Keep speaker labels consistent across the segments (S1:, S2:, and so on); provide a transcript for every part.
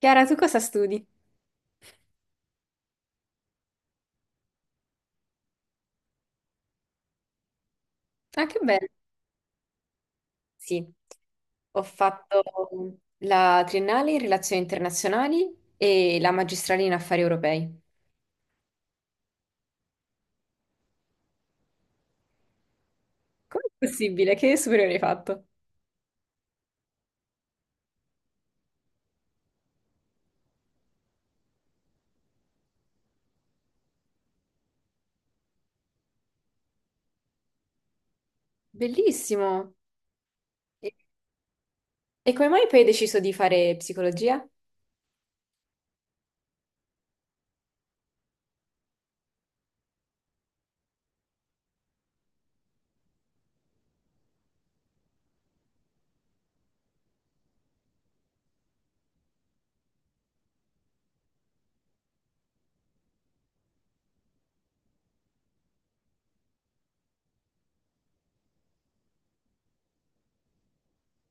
S1: Chiara, tu cosa studi? Ah, che bello. Sì, ho fatto la triennale in relazioni internazionali e la magistrale in affari europei. Com'è possibile? Che superiore hai fatto? Bellissimo. E, e come mai poi hai deciso di fare psicologia?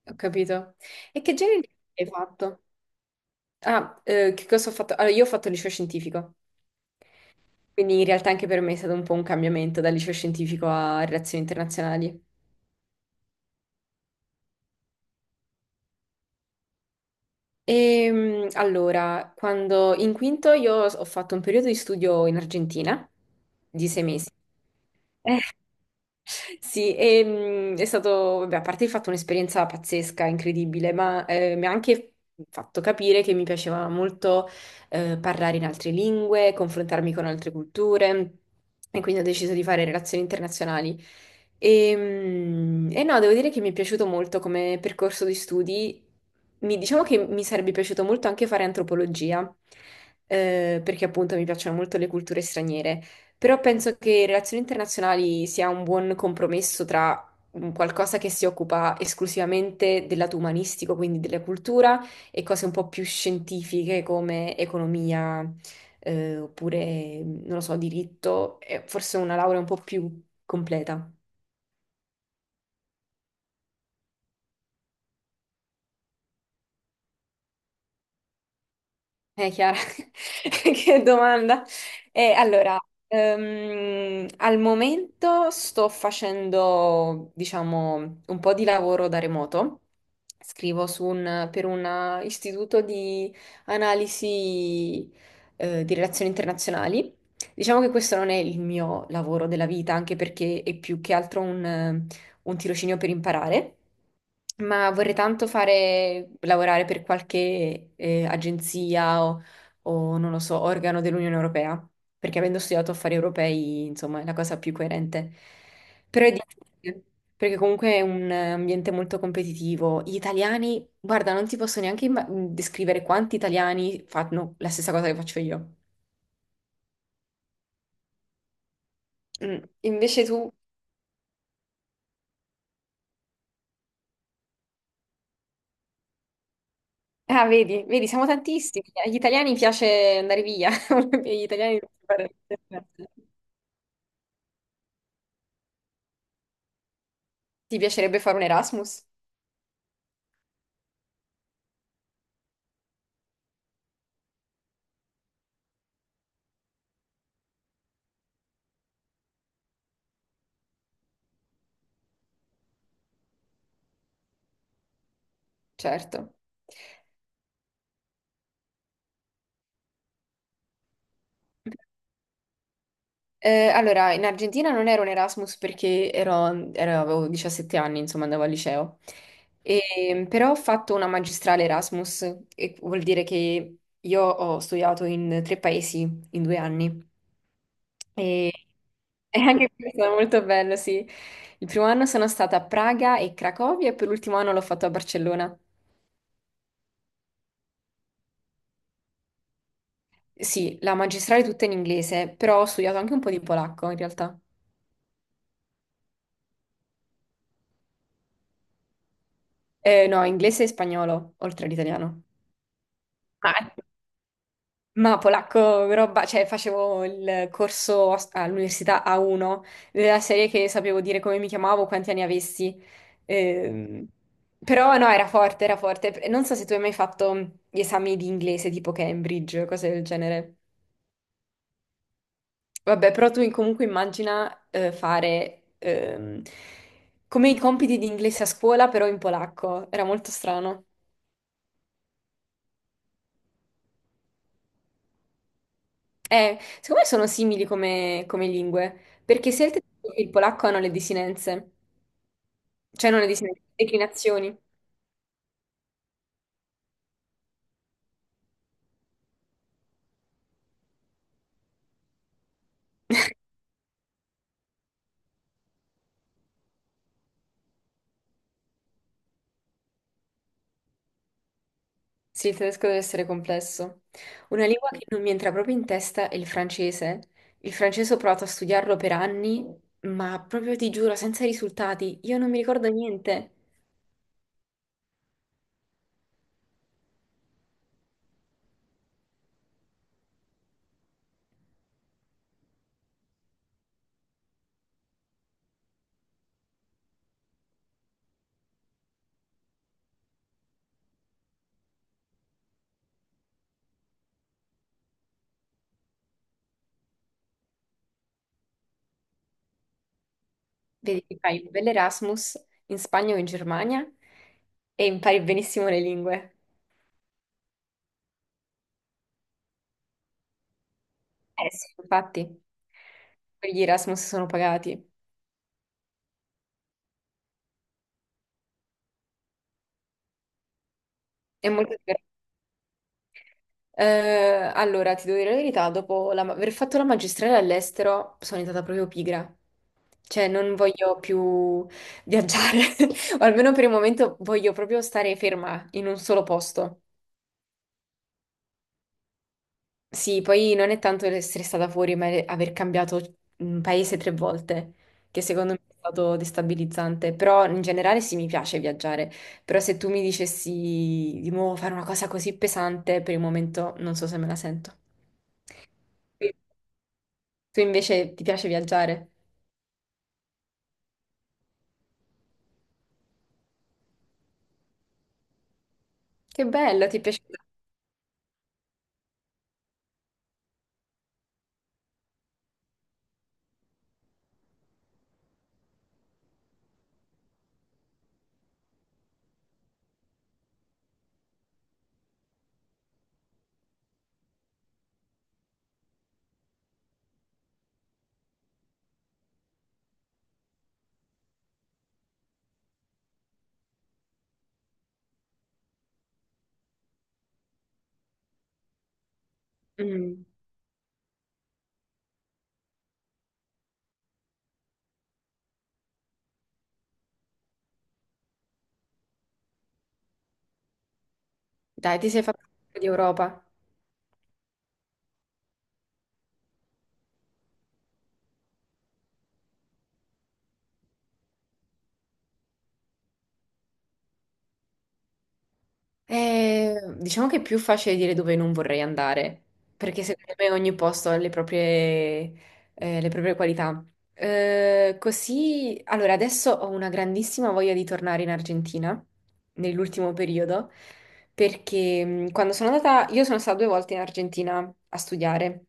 S1: Ho capito. E che genere di hai fatto? Ah, che cosa ho fatto? Allora, io ho fatto il liceo scientifico, quindi in realtà anche per me è stato un po' un cambiamento dal liceo scientifico a relazioni internazionali. Allora, quando in quinto io ho fatto un periodo di studio in Argentina di 6 mesi. Sì, e, è stato, vabbè, a parte il fatto un'esperienza pazzesca, incredibile, ma mi ha anche fatto capire che mi piaceva molto parlare in altre lingue, confrontarmi con altre culture e quindi ho deciso di fare relazioni internazionali. E no, devo dire che mi è piaciuto molto come percorso di studi. Diciamo che mi sarebbe piaciuto molto anche fare antropologia, perché appunto mi piacciono molto le culture straniere. Però penso che relazioni internazionali sia un buon compromesso tra un qualcosa che si occupa esclusivamente del lato umanistico, quindi della cultura, e cose un po' più scientifiche come economia, oppure, non lo so, diritto, e forse una laurea un po' più completa. Chiara, che domanda. Allora, al momento sto facendo, diciamo, un po' di lavoro da remoto. Scrivo su per un istituto di analisi, di relazioni internazionali. Diciamo che questo non è il mio lavoro della vita, anche perché è più che altro un tirocinio per imparare, ma vorrei tanto fare, lavorare per qualche agenzia o non lo so, organo dell'Unione Europea, perché avendo studiato affari europei, insomma, è la cosa più coerente. Però è difficile, perché comunque è un ambiente molto competitivo. Gli italiani, guarda, non ti posso neanche descrivere quanti italiani fanno la stessa cosa che faccio io. Invece tu... Ah, vedi, vedi, siamo tantissimi. Agli italiani piace andare via. Agli italiani piace fare- Ti piacerebbe fare un Erasmus? Certo. Allora, in Argentina non ero un Erasmus perché avevo 17 anni, insomma, andavo al liceo. E, però ho fatto una magistrale Erasmus, e vuol dire che io ho studiato in 3 paesi in 2 anni. E, e anche questo è stato molto bello, sì. Il primo anno sono stata a Praga e Cracovia e per l'ultimo anno l'ho fatto a Barcellona. Sì, la magistrale tutta in inglese, però ho studiato anche un po' di polacco in realtà. No, inglese e spagnolo, oltre all'italiano. Ah. Ma polacco, roba, cioè facevo il corso all'università A1, della serie che sapevo dire come mi chiamavo, quanti anni avessi. Ehm, però no, era forte, era forte. Non so se tu hai mai fatto gli esami di inglese tipo Cambridge, cose del genere. Vabbè, però tu comunque immagina fare come i compiti di inglese a scuola, però in polacco. Era molto strano. Secondo me sono simili come lingue, perché sia il tedesco che il polacco hanno le desinenze. Cioè non ne dis- declinazioni. Sì, il tedesco deve essere complesso. Una lingua che non mi entra proprio in testa è il francese. Il francese ho provato a studiarlo per anni, ma proprio ti giuro, senza risultati, io non mi ricordo niente. Vedi, ti fai un bell'Erasmus in Spagna o in Germania e impari benissimo le lingue. Eh sì, infatti, quegli Erasmus sono pagati. È molto divertente. Allora, ti devo dire la verità, dopo aver fatto la magistrale all'estero sono diventata proprio pigra. Cioè, non voglio più viaggiare, o almeno per il momento voglio proprio stare ferma in un solo posto. Sì, poi non è tanto essere stata fuori, ma è aver cambiato paese 3 volte, che secondo me è stato destabilizzante. Però in generale sì, mi piace viaggiare. Però se tu mi dicessi di nuovo fare una cosa così pesante, per il momento non so se me la sento. Tu invece ti piace viaggiare? Che bello, ti piace... Mm. Dai, ti sei fatto un po' di Europa. Diciamo che è più facile dire dove non vorrei andare, perché secondo me ogni posto ha le proprie qualità. Così, allora, adesso ho una grandissima voglia di tornare in Argentina, nell'ultimo periodo, perché quando sono andata, io sono stata 2 volte in Argentina a studiare.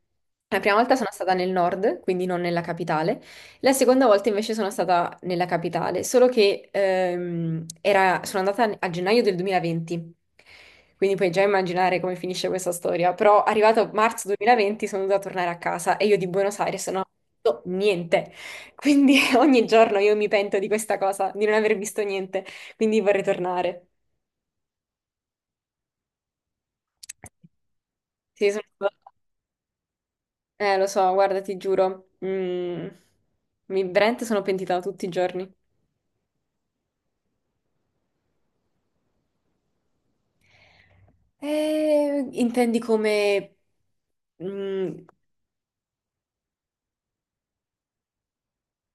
S1: La prima volta sono stata nel nord, quindi non nella capitale. La seconda volta invece sono stata nella capitale, solo che sono andata a gennaio del 2020, quindi puoi già immaginare come finisce questa storia, però arrivato a marzo 2020 sono dovuta tornare a casa e io di Buenos Aires non ho visto niente, quindi ogni giorno io mi pento di questa cosa, di non aver visto niente, quindi vorrei tornare. Sì, sono stata- lo so, guarda, ti giuro, mi veramente sono pentita tutti i giorni. Intendi come... mm,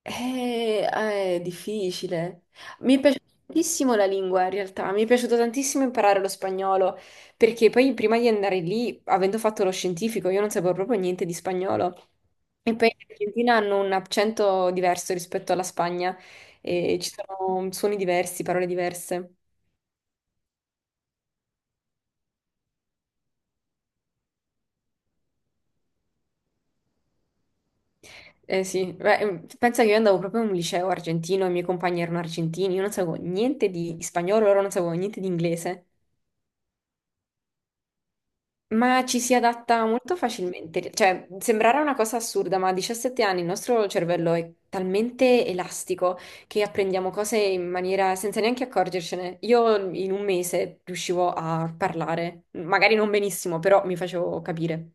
S1: ah, è difficile. Mi è piaciuta tantissimo la lingua, in realtà. Mi è piaciuto tantissimo imparare lo spagnolo, perché poi prima di andare lì, avendo fatto lo scientifico, io non sapevo proprio niente di spagnolo. E poi in Argentina hanno un accento diverso rispetto alla Spagna, e ci sono suoni diversi, parole diverse. Eh sì, beh, pensa che io andavo proprio in un liceo argentino, i miei compagni erano argentini, io non sapevo niente di spagnolo, loro non sapevano niente di inglese, ma ci si adatta molto facilmente, cioè sembrerà una cosa assurda, ma a 17 anni il nostro cervello è talmente elastico che apprendiamo cose in maniera senza neanche accorgercene. Io in un mese riuscivo a parlare, magari non benissimo, però mi facevo capire.